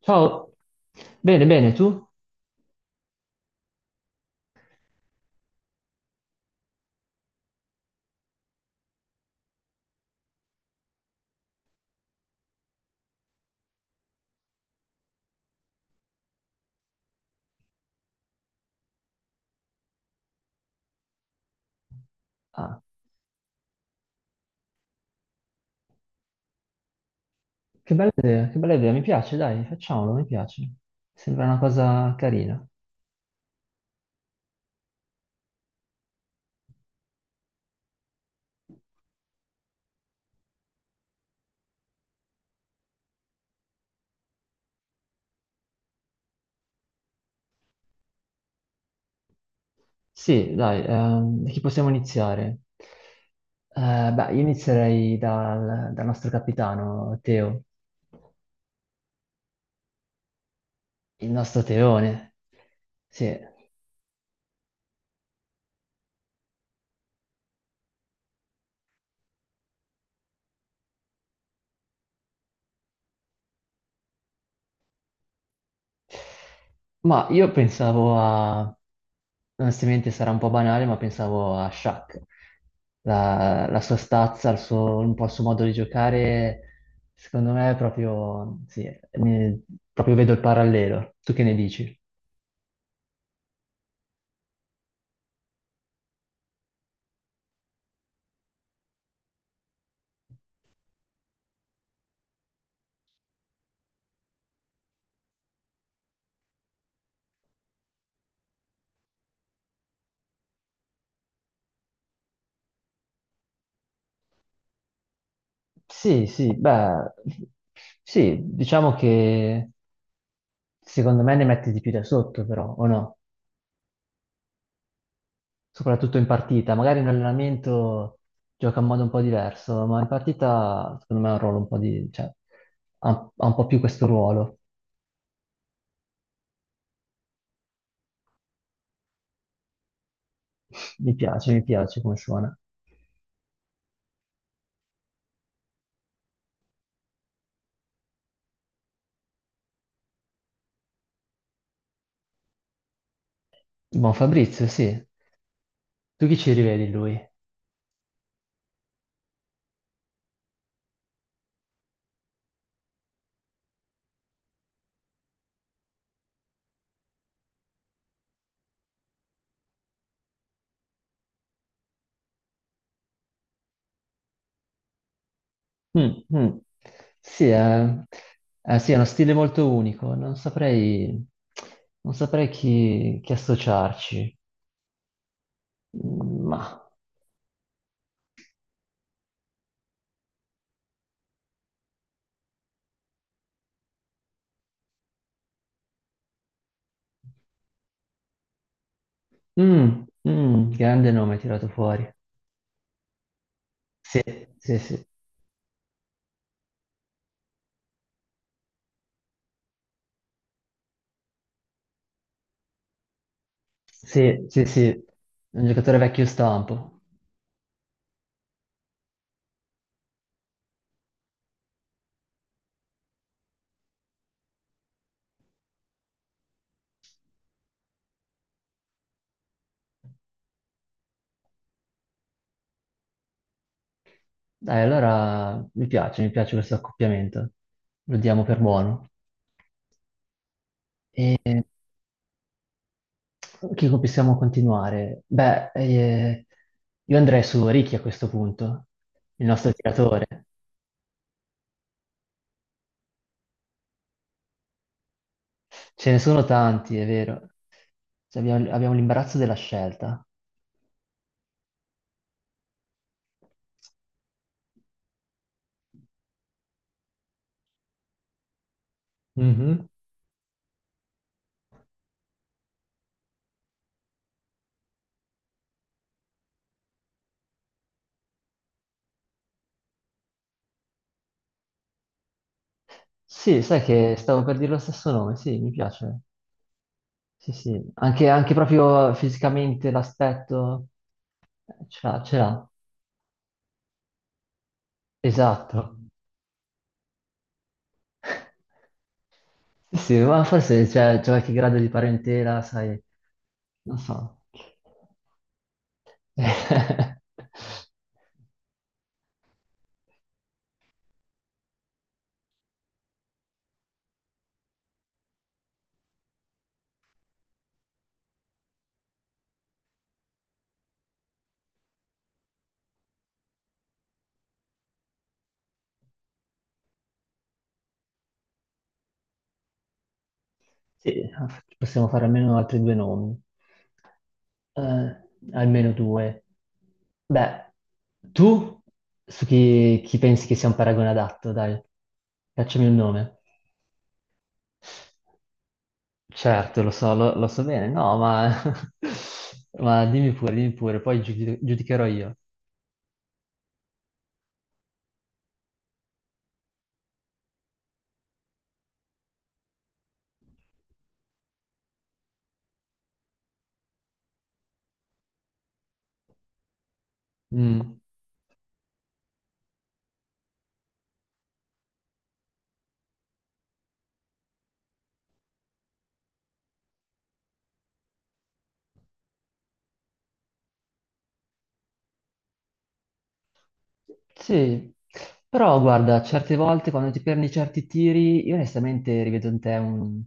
Ciao, bene, bene, tu? Ah, che bella idea, mi piace, dai, facciamolo, mi piace. Sembra una cosa carina. Sì, dai, da chi possiamo iniziare? Beh, io inizierei dal nostro capitano, Teo, il nostro Teone. Sì. Ma io pensavo a, onestamente sarà un po' banale, ma pensavo a Shaq, la sua stazza, il suo, un po' il suo modo di giocare, secondo me è proprio, sì, ne- proprio vedo il parallelo. Tu che ne dici? Sì, sì, beh, sì, diciamo che secondo me ne mette di più da sotto però, o no? Soprattutto in partita. Magari in allenamento gioca in modo un po' diverso, ma in partita secondo me ha un ruolo un po' di, cioè, ha un po' più questo ruolo. Mi piace come suona. Buon Fabrizio, sì. Tu chi ci rivedi in lui? Mm, mm. Sì, è, sì, è uno stile molto unico, non saprei, non saprei chi, chi associarci, mm, ma... Mm, mm, grande nome tirato fuori. Sì, sì, sì. Sì, sì, sì, un giocatore vecchio stampo. Dai, allora mi piace questo accoppiamento. Lo diamo per buono. E chi possiamo continuare? Beh, io andrei su Ricky a questo punto, il nostro tiratore. Ce ne sono tanti, è vero. Cioè, abbiamo l'imbarazzo della scelta. Mhm. Sì, sai che stavo per dire lo stesso nome, sì, mi piace. Sì, sì, anche, anche proprio fisicamente l'aspetto ce l'ha, esatto. Sì, sì, ma forse c'è qualche grado di parentela, sai, non so. Sì, possiamo fare almeno altri due nomi, Eh, almeno due. Beh, tu su chi, chi pensi che sia un paragone adatto, dai, facciami un nome. Certo, lo so, lo, lo so bene, no, ma, ma dimmi pure, poi giudicherò io. Mm. Sì, però guarda, certe volte quando ti perdi certi tiri, io onestamente rivedo in te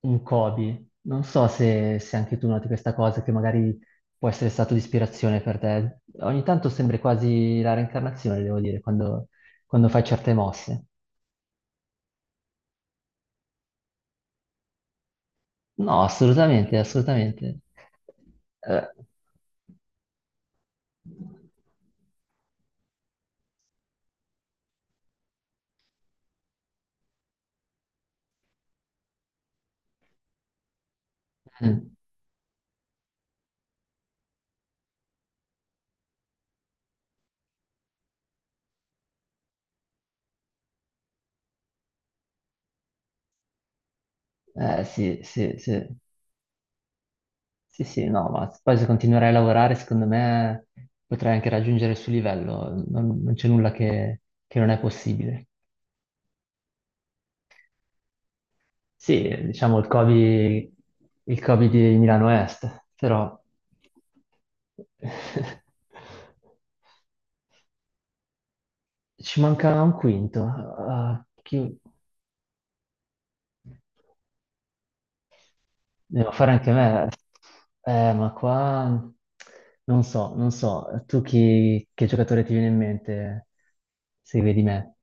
un Kobe. Non so se, se anche tu noti questa cosa, che magari può essere stato di ispirazione per te. Ogni tanto sembri quasi la reincarnazione, devo dire, quando, quando fai certe mosse. No, assolutamente, assolutamente. Eh, Mm. Sì, sì, sì, sì, sì, no, ma poi se continuerai a lavorare, secondo me potrai anche raggiungere il suo livello, non, non c'è nulla che non è possibile. Sì, diciamo il Covid di Milano Est, però ci manca un quinto. Ah, chi- Devo fare anche me. Ma qua non so, non so. Tu chi, che giocatore ti viene in mente se vedi me?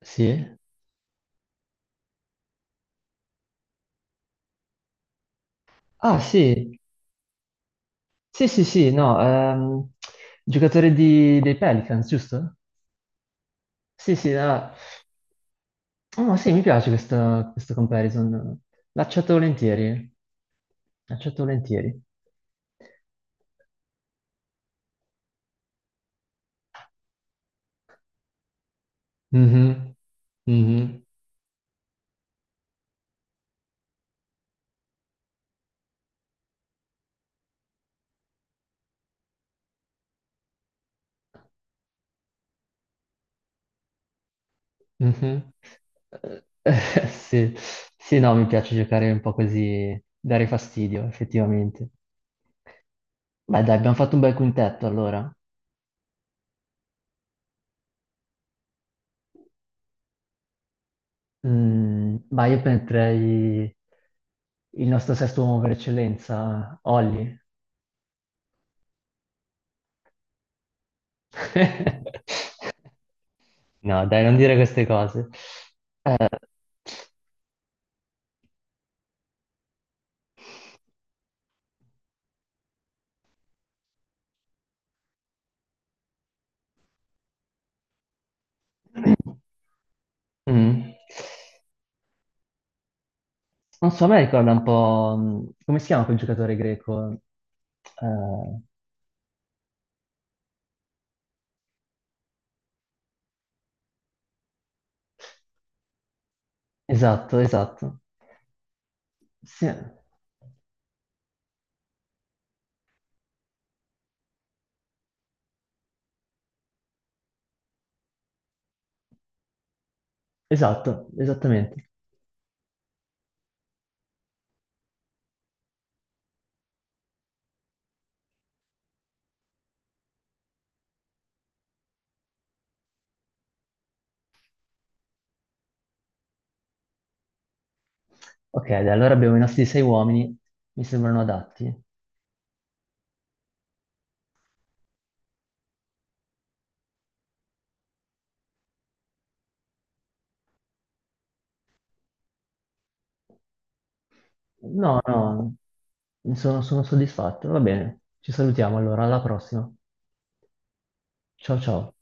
Sì? Ah, sì. Sì, sì, sì, no. Giocatore dei Pelicans, giusto? Sì, sì, ah. Oh, sì, mi piace questo, questo comparison. L'accetto volentieri. L'accetto volentieri. Mhm. Mhm. Mhm. Sì. Sì, no, mi piace giocare un po' così, dare fastidio, effettivamente. Beh, dai, abbiamo fatto un bel quintetto allora. Mm, ma io metterei il nostro sesto uomo per eccellenza, Olli. No, dai, non dire queste cose. Mm. Non so, a me ricorda un po'... mm, come si chiama quel giocatore greco? Eh, esatto, esatto. Sì. Esatto, esattamente. Ok, dai, allora abbiamo i nostri sei uomini, mi sembrano adatti. No, no, sono, sono soddisfatto. Va bene, ci salutiamo allora, alla prossima. Ciao ciao.